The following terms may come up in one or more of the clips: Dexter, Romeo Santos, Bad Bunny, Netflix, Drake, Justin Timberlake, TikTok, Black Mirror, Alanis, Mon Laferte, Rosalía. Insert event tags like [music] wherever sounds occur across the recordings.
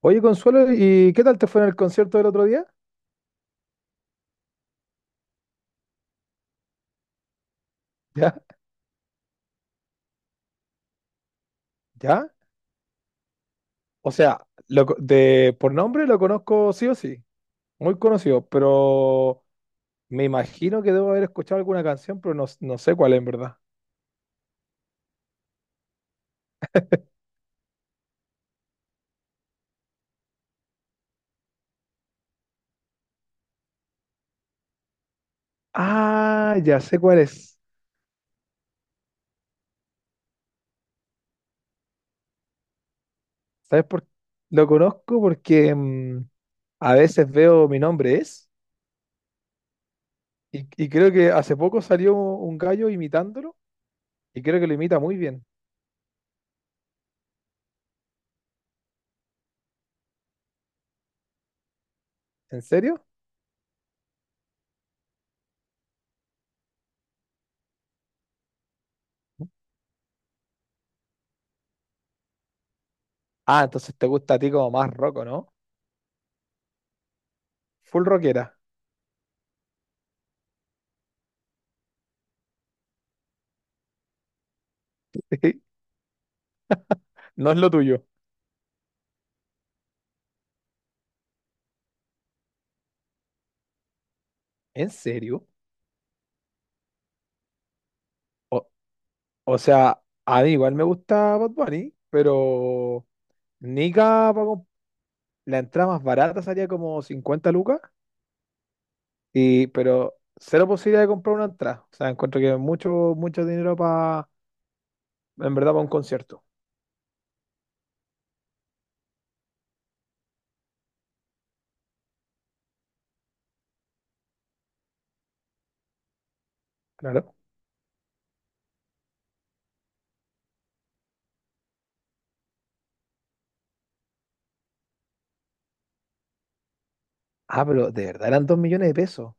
Oye, Consuelo, ¿y qué tal te fue en el concierto del otro día? [laughs] ¿Ya? ¿Ya? O sea, de, por nombre lo conozco sí o sí, muy conocido, pero me imagino que debo haber escuchado alguna canción, pero no, no sé cuál en verdad. Ah, ya sé cuál es. ¿Sabes por Lo conozco porque a veces veo mi nombre es, y creo que hace poco salió un gallo imitándolo, y creo que lo imita muy bien. ¿En serio? Ah, entonces te gusta a ti como más roco, ¿no? Full rockera. [laughs] No es lo tuyo. ¿En serio? O, o sea, a mí igual me gusta Bad Bunny, pero Nika, la entrada más barata salía como 50 lucas, y, pero cero posibilidad de comprar una entrada. O sea, encuentro que es mucho, mucho dinero para, en verdad, para un concierto. Claro. Ah, pero de verdad eran 2 millones de pesos.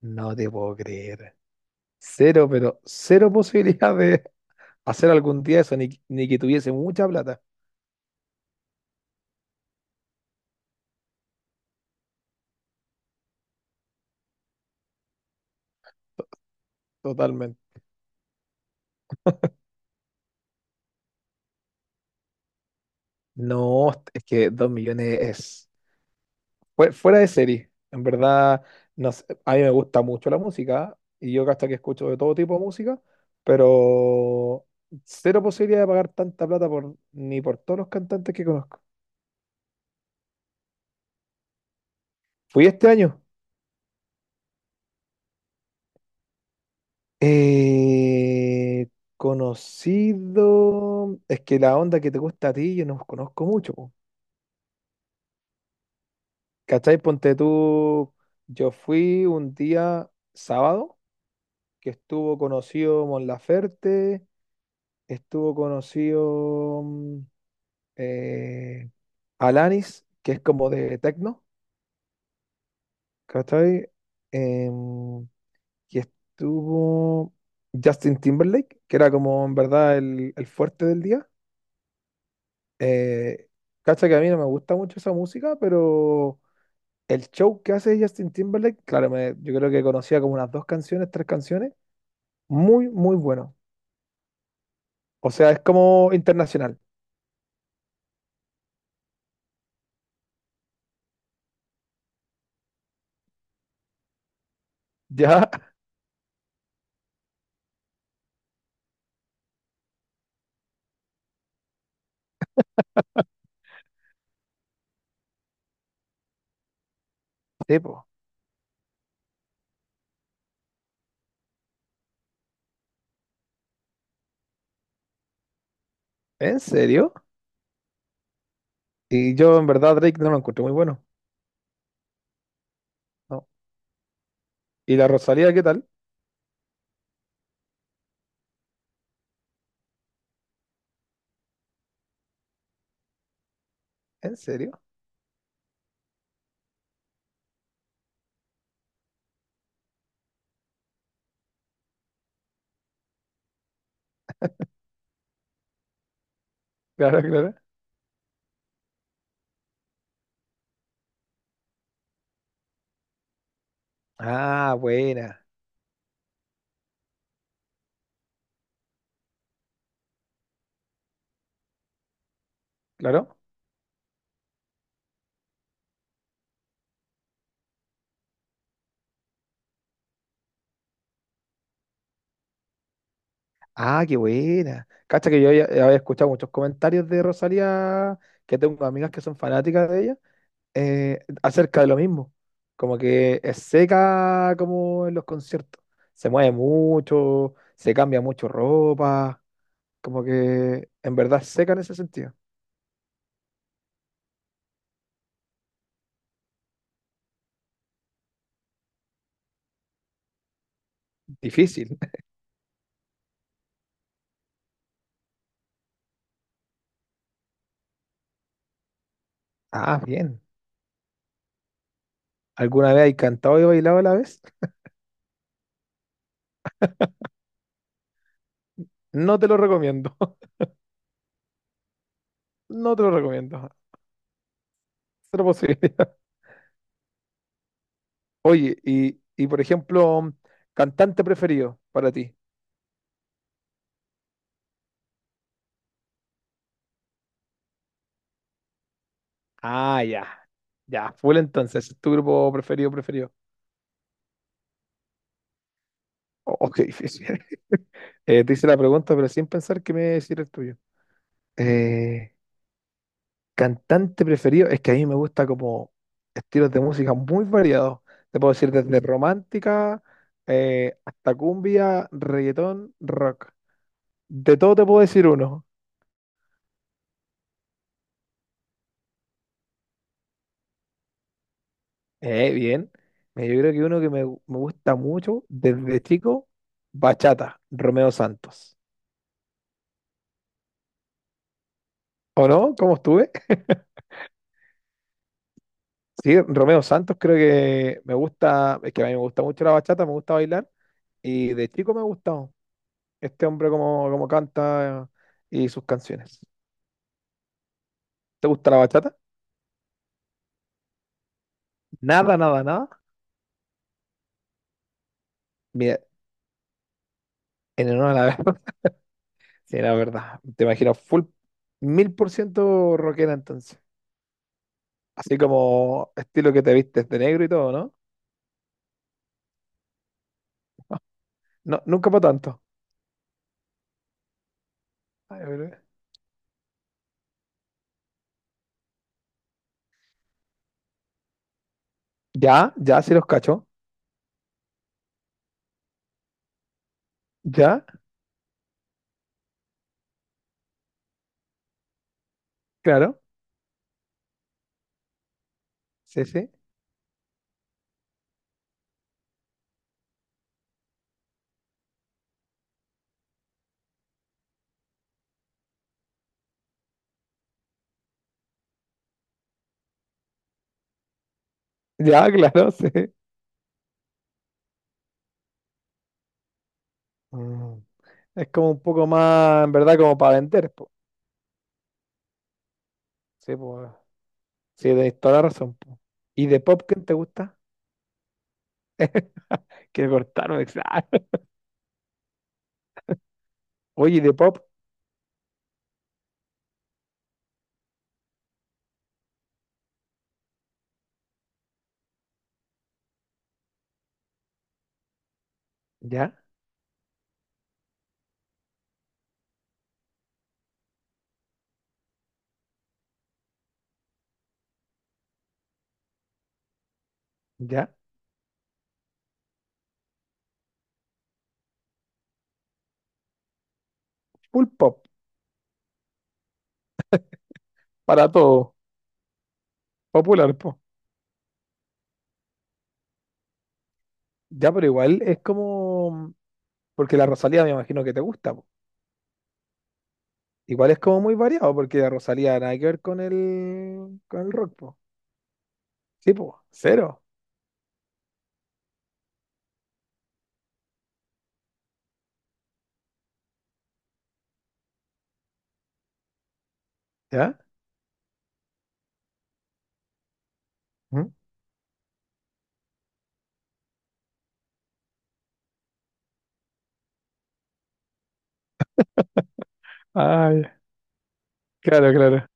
No te puedo creer. Cero, pero cero [laughs] posibilidad de hacer algún día eso, ni, ni que tuviese mucha plata. Totalmente. No, es que 2 millones es... Fuera de serie, en verdad, no sé, a mí me gusta mucho la música y yo hasta que escucho de todo tipo de música, pero cero posibilidad de pagar tanta plata por, ni por todos los cantantes que conozco. Fui este año. eh, conocido. Es que la onda que te gusta a ti, yo no conozco mucho, po. ¿Cachai? Ponte tú. Yo fui un día sábado que estuvo conocido Mon Laferte, estuvo conocido. Eh, Alanis, que es como de techno, ¿cachai? Em, y estuvo Justin Timberlake, que era como en verdad el fuerte del día. Eh, cacha que a mí no me gusta mucho esa música, pero el show que hace Justin Timberlake, claro, yo creo que conocía como unas dos canciones, tres canciones, muy, muy bueno. O sea, es como internacional. Ya, [laughs] tipo, ¿en serio? Y yo en verdad Drake no lo encuentro muy bueno. ¿No? ¿Y la Rosalía qué tal? ¿En serio? [laughs] Claro, claro. Ah, buena. Claro. Ah, qué buena. Cacha que yo ya, ya había escuchado muchos comentarios de Rosalía, que tengo amigas que son fanáticas de ella, acerca de lo mismo. Como que es seca como en los conciertos. Se mueve mucho, se cambia mucho ropa. Como que en verdad es seca en ese sentido. Difícil. [laughs] Ah, bien. ¿Alguna vez hay cantado y bailado a la vez? No te lo recomiendo. [laughs] No te lo recomiendo. Cero posible. Oye, y por ejemplo, cantante preferido para ti. Ah, ya. Ya, full entonces, es tu grupo preferido, preferido. Oh, oh, qué difícil. [laughs] Te hice la pregunta, pero sin pensar que me decir el tuyo. Eh, cantante preferido, es que a mí me gusta como estilos de música muy variados. Te puedo decir desde romántica hasta cumbia, reggaetón, rock. De todo te puedo decir uno. Bien. Mira, yo creo que uno que me gusta mucho desde chico, bachata, Romeo Santos. ¿O no? ¿Cómo estuve? [laughs] Sí, Romeo Santos creo que me gusta, es que a mí me gusta mucho la bachata, me gusta bailar y de chico me ha gustado este hombre como, como canta y sus canciones. ¿Te gusta la bachata? Nada, nada, nada. Mira, en honor a la [laughs] verdad. Sí, la verdad. Te imagino full 1000% rockera entonces. Así como estilo que te vistes de negro y todo, ¿no? No, nunca para tanto. A ver, ya, ya, sí los cacho. Ya, claro. Sí, sí. Ya, [laughs] claro, sí. Mm. Es como un poco más, en verdad, como para vender, po. Sí, pues. Sí, tenéis toda la razón, po. ¿Y de pop quién te gusta? Quiero cortarme, [laughs] exacto. Oye, ¿y de pop, ya, ya. Full pop, para todo. Popular, po. Ya, pero igual es como. Porque la Rosalía me imagino que te gusta, po. Igual es como muy variado, porque la Rosalía nada que ver con el rock, po. Sí, pues, cero, ¿ya? ¿Mm? Ay, claro, claro.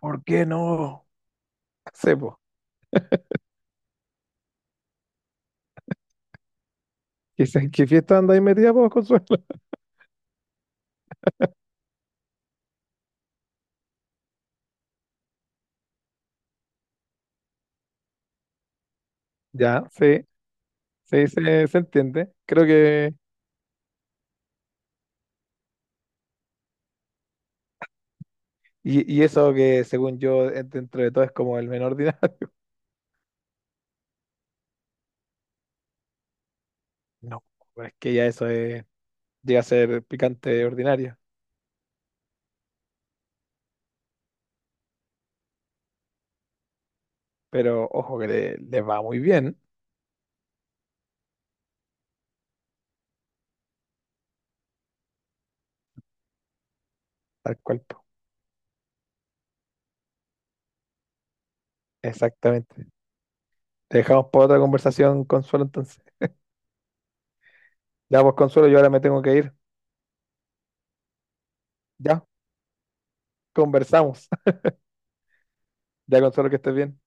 ¿Por qué no? Sí, pues. Quizás qué fiesta andáis metida, pues, Consuelo. [laughs] Ya, sí, sí, se entiende. Creo que. Y eso que, según yo, dentro de todo es como el menor ordinario. [laughs] No, pues es que ya eso es, llega a ser picante ordinario. Pero ojo que le va muy bien al cuerpo. Exactamente. Te dejamos para otra conversación, Consuelo, entonces. Ya, pues, Consuelo, yo ahora me tengo que ir. Ya, conversamos. [laughs] Ya, Consuelo, que estés bien.